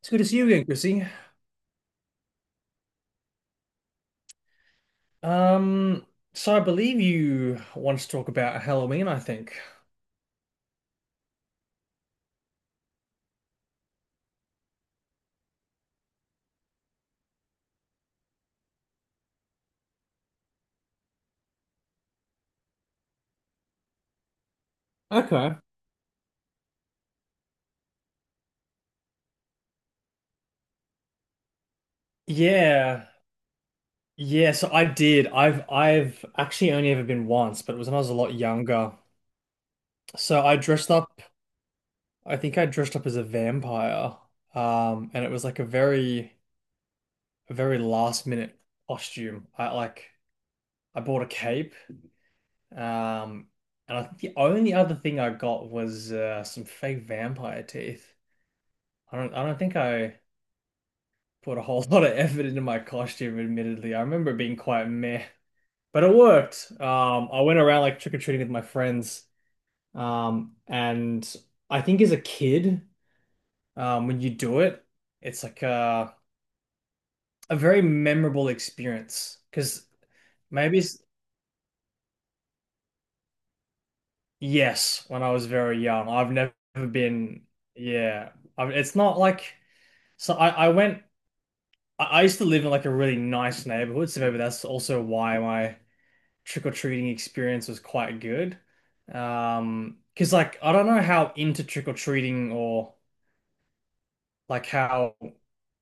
It's good to see you again, Chrissy. Um, so I believe you want to talk about Halloween, I think. Okay. Yeah. Yeah, so I did. I've actually only ever been once, but it was when I was a lot younger. So I dressed up, I think I dressed up as a vampire. And it was like a very last minute costume. I bought a cape. Um, and I think the only other thing I got was some fake vampire teeth. I don't think I put a whole lot of effort into my costume, admittedly. I remember being quite meh, but it worked. I went around like trick-or-treating with my friends. And I think as a kid, when you do it, it's like a very memorable experience. Because maybe it's, yes, when I was very young, I've never been, yeah, I, it's not like, so I went, I used to live in like a really nice neighborhood, so maybe that's also why my trick-or-treating experience was quite good. Because like I don't know how into trick-or-treating or like how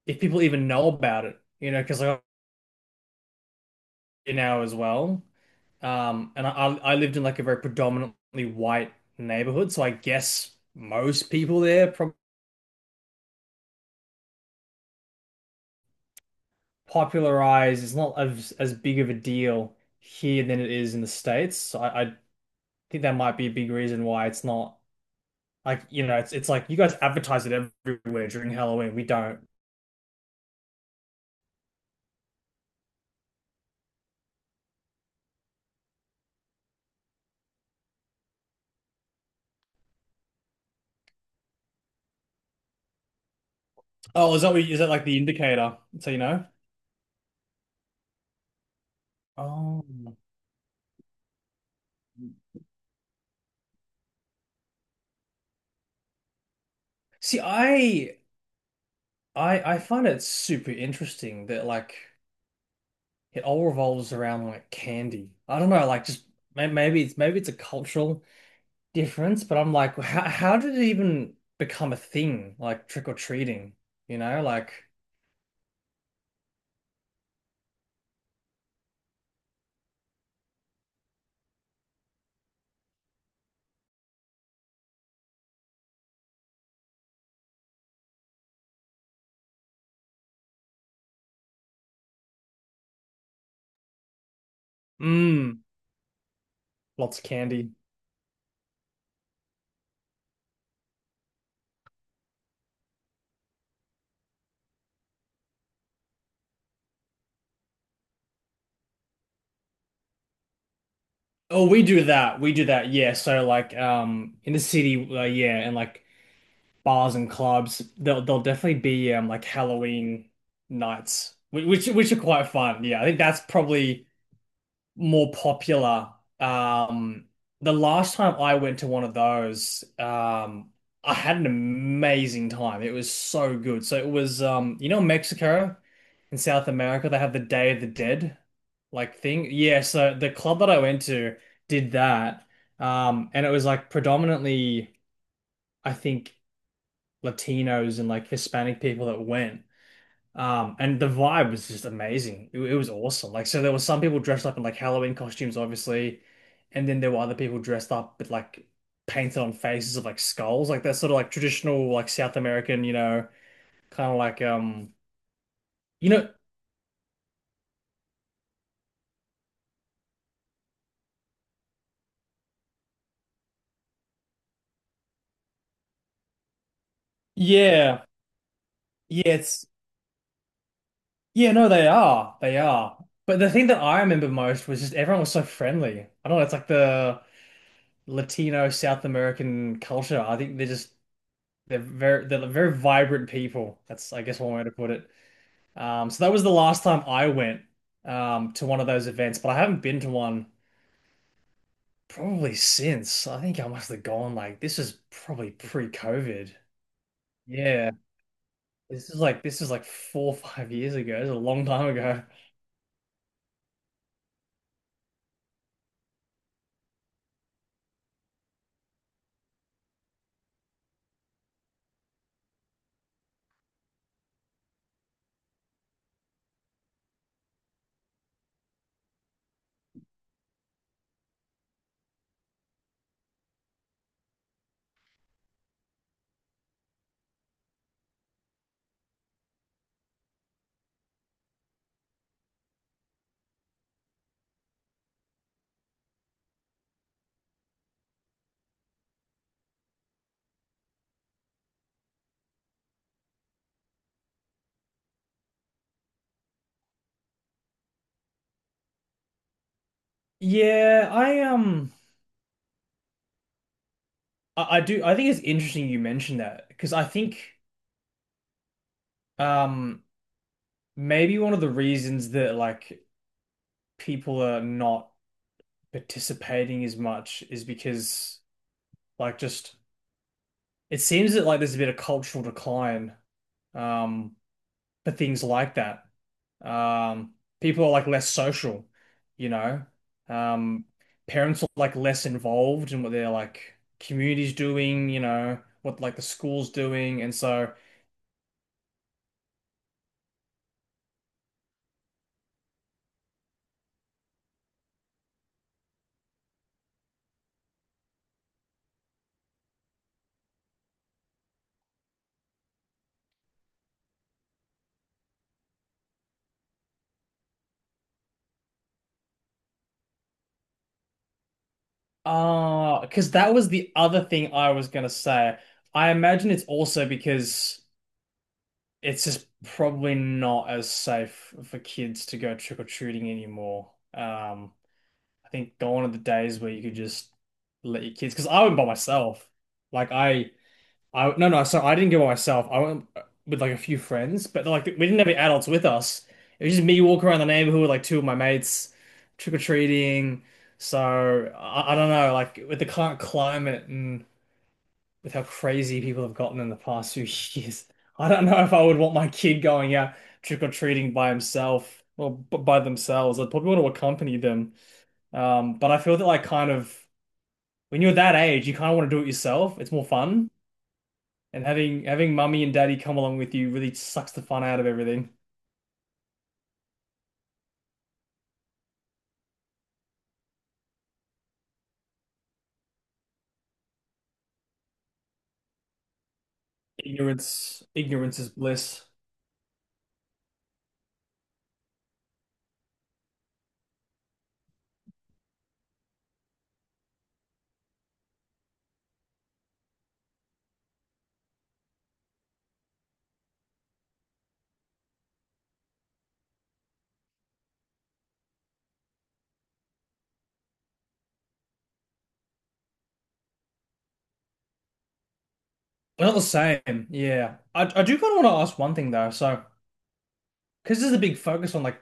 if people even know about it, you know, because like I'm now as well. And I lived in like a very predominantly white neighborhood, so I guess most people there pro popularized. It's not as big of a deal here than it is in the States. So I think that might be a big reason why it's not. Like, you know, it's like you guys advertise it everywhere during Halloween. We don't. Oh, is that like the indicator? So you know? Oh. See, I find it super interesting that like it all revolves around like candy. I don't know, like just maybe it's a cultural difference, but I'm like, how did it even become a thing? Like trick or treating, you know? Like, mm, lots of candy. Oh, we do that. We do that. Yeah. So like in the city, yeah, and like bars and clubs, there'll definitely be like Halloween nights, which are quite fun. Yeah, I think that's probably more popular. Um, the last time I went to one of those, I had an amazing time. It was so good. So it was you know, Mexico in South America, they have the Day of the Dead like thing. Yeah, so the club that I went to did that. And it was like predominantly, I think, Latinos and like Hispanic people that went. And the vibe was just amazing. It was awesome. Like, so there were some people dressed up in like Halloween costumes, obviously, and then there were other people dressed up with like painted on faces of like skulls, like that sort of like traditional like South American, you know, kind of like um, you know, yeah, yeah, it's yeah, no, they are, they are. But the thing that I remember most was just everyone was so friendly. I don't know, it's like the Latino South American culture. I think they're just they're very vibrant people. That's I guess one way to put it. So that was the last time I went to one of those events, but I haven't been to one probably since. I think I must have gone like this is probably pre-COVID. Yeah, this is like 4 or 5 years ago. It's a long time ago. Yeah, I think it's interesting you mentioned that because I think um maybe one of the reasons that like people are not participating as much is because like just it seems that like there's a bit of cultural decline um for things like that. Um People are like less social, you know. Um Parents are like less involved in what their like community's doing, you know, what like the school's doing and so ah, because that was the other thing I was gonna say. I imagine it's also because it's just probably not as safe for kids to go trick or treating anymore. I think gone are the days where you could just let your kids, because I went by myself. Like I No no, so I didn't go by myself. I went with like a few friends, but like we didn't have any adults with us. It was just me walking around the neighborhood with like two of my mates, trick or treating. So I don't know, like with the current climate and with how crazy people have gotten in the past few years. I don't know if I would want my kid going out trick or treating by himself or b by themselves. I'd probably want to accompany them. But I feel that like kind of when you're that age, you kind of want to do it yourself. It's more fun, and having mummy and daddy come along with you really sucks the fun out of everything. Ignorance, ignorance is bliss. But not the same. Yeah, I do kind of want to ask one thing though. So, because there's a big focus on like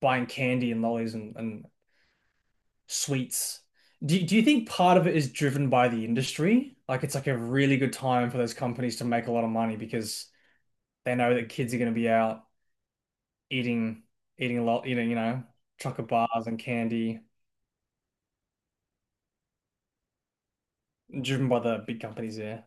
buying candy and lollies and sweets. Do you think part of it is driven by the industry? Like it's like a really good time for those companies to make a lot of money because they know that kids are going to be out eating eating a lot, eating, you know, chocolate bars and candy, driven by the big companies there.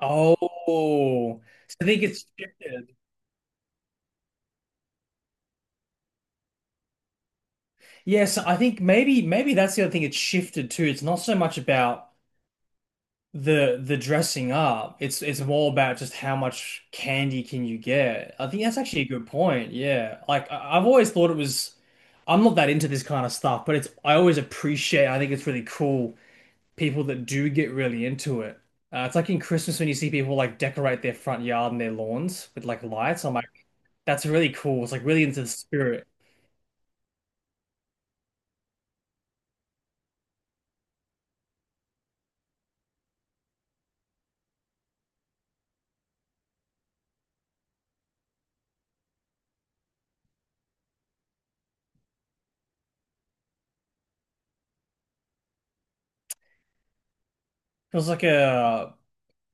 Oh, so I think it's shifted. Yes, I think maybe that's the other thing. It's shifted too. It's not so much about the dressing up. It's more about just how much candy can you get. I think that's actually a good point. Yeah. Like I, I've always thought it was I'm not that into this kind of stuff, but it's I always appreciate I think it's really cool people that do get really into it. It's like in Christmas when you see people like decorate their front yard and their lawns with like lights. I'm like, that's really cool. It's like really into the spirit. It was like a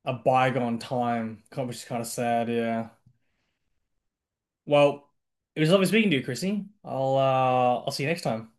a bygone time, which is kind of sad, yeah. Well, it was lovely speaking to you, Chrissy. I'll see you next time.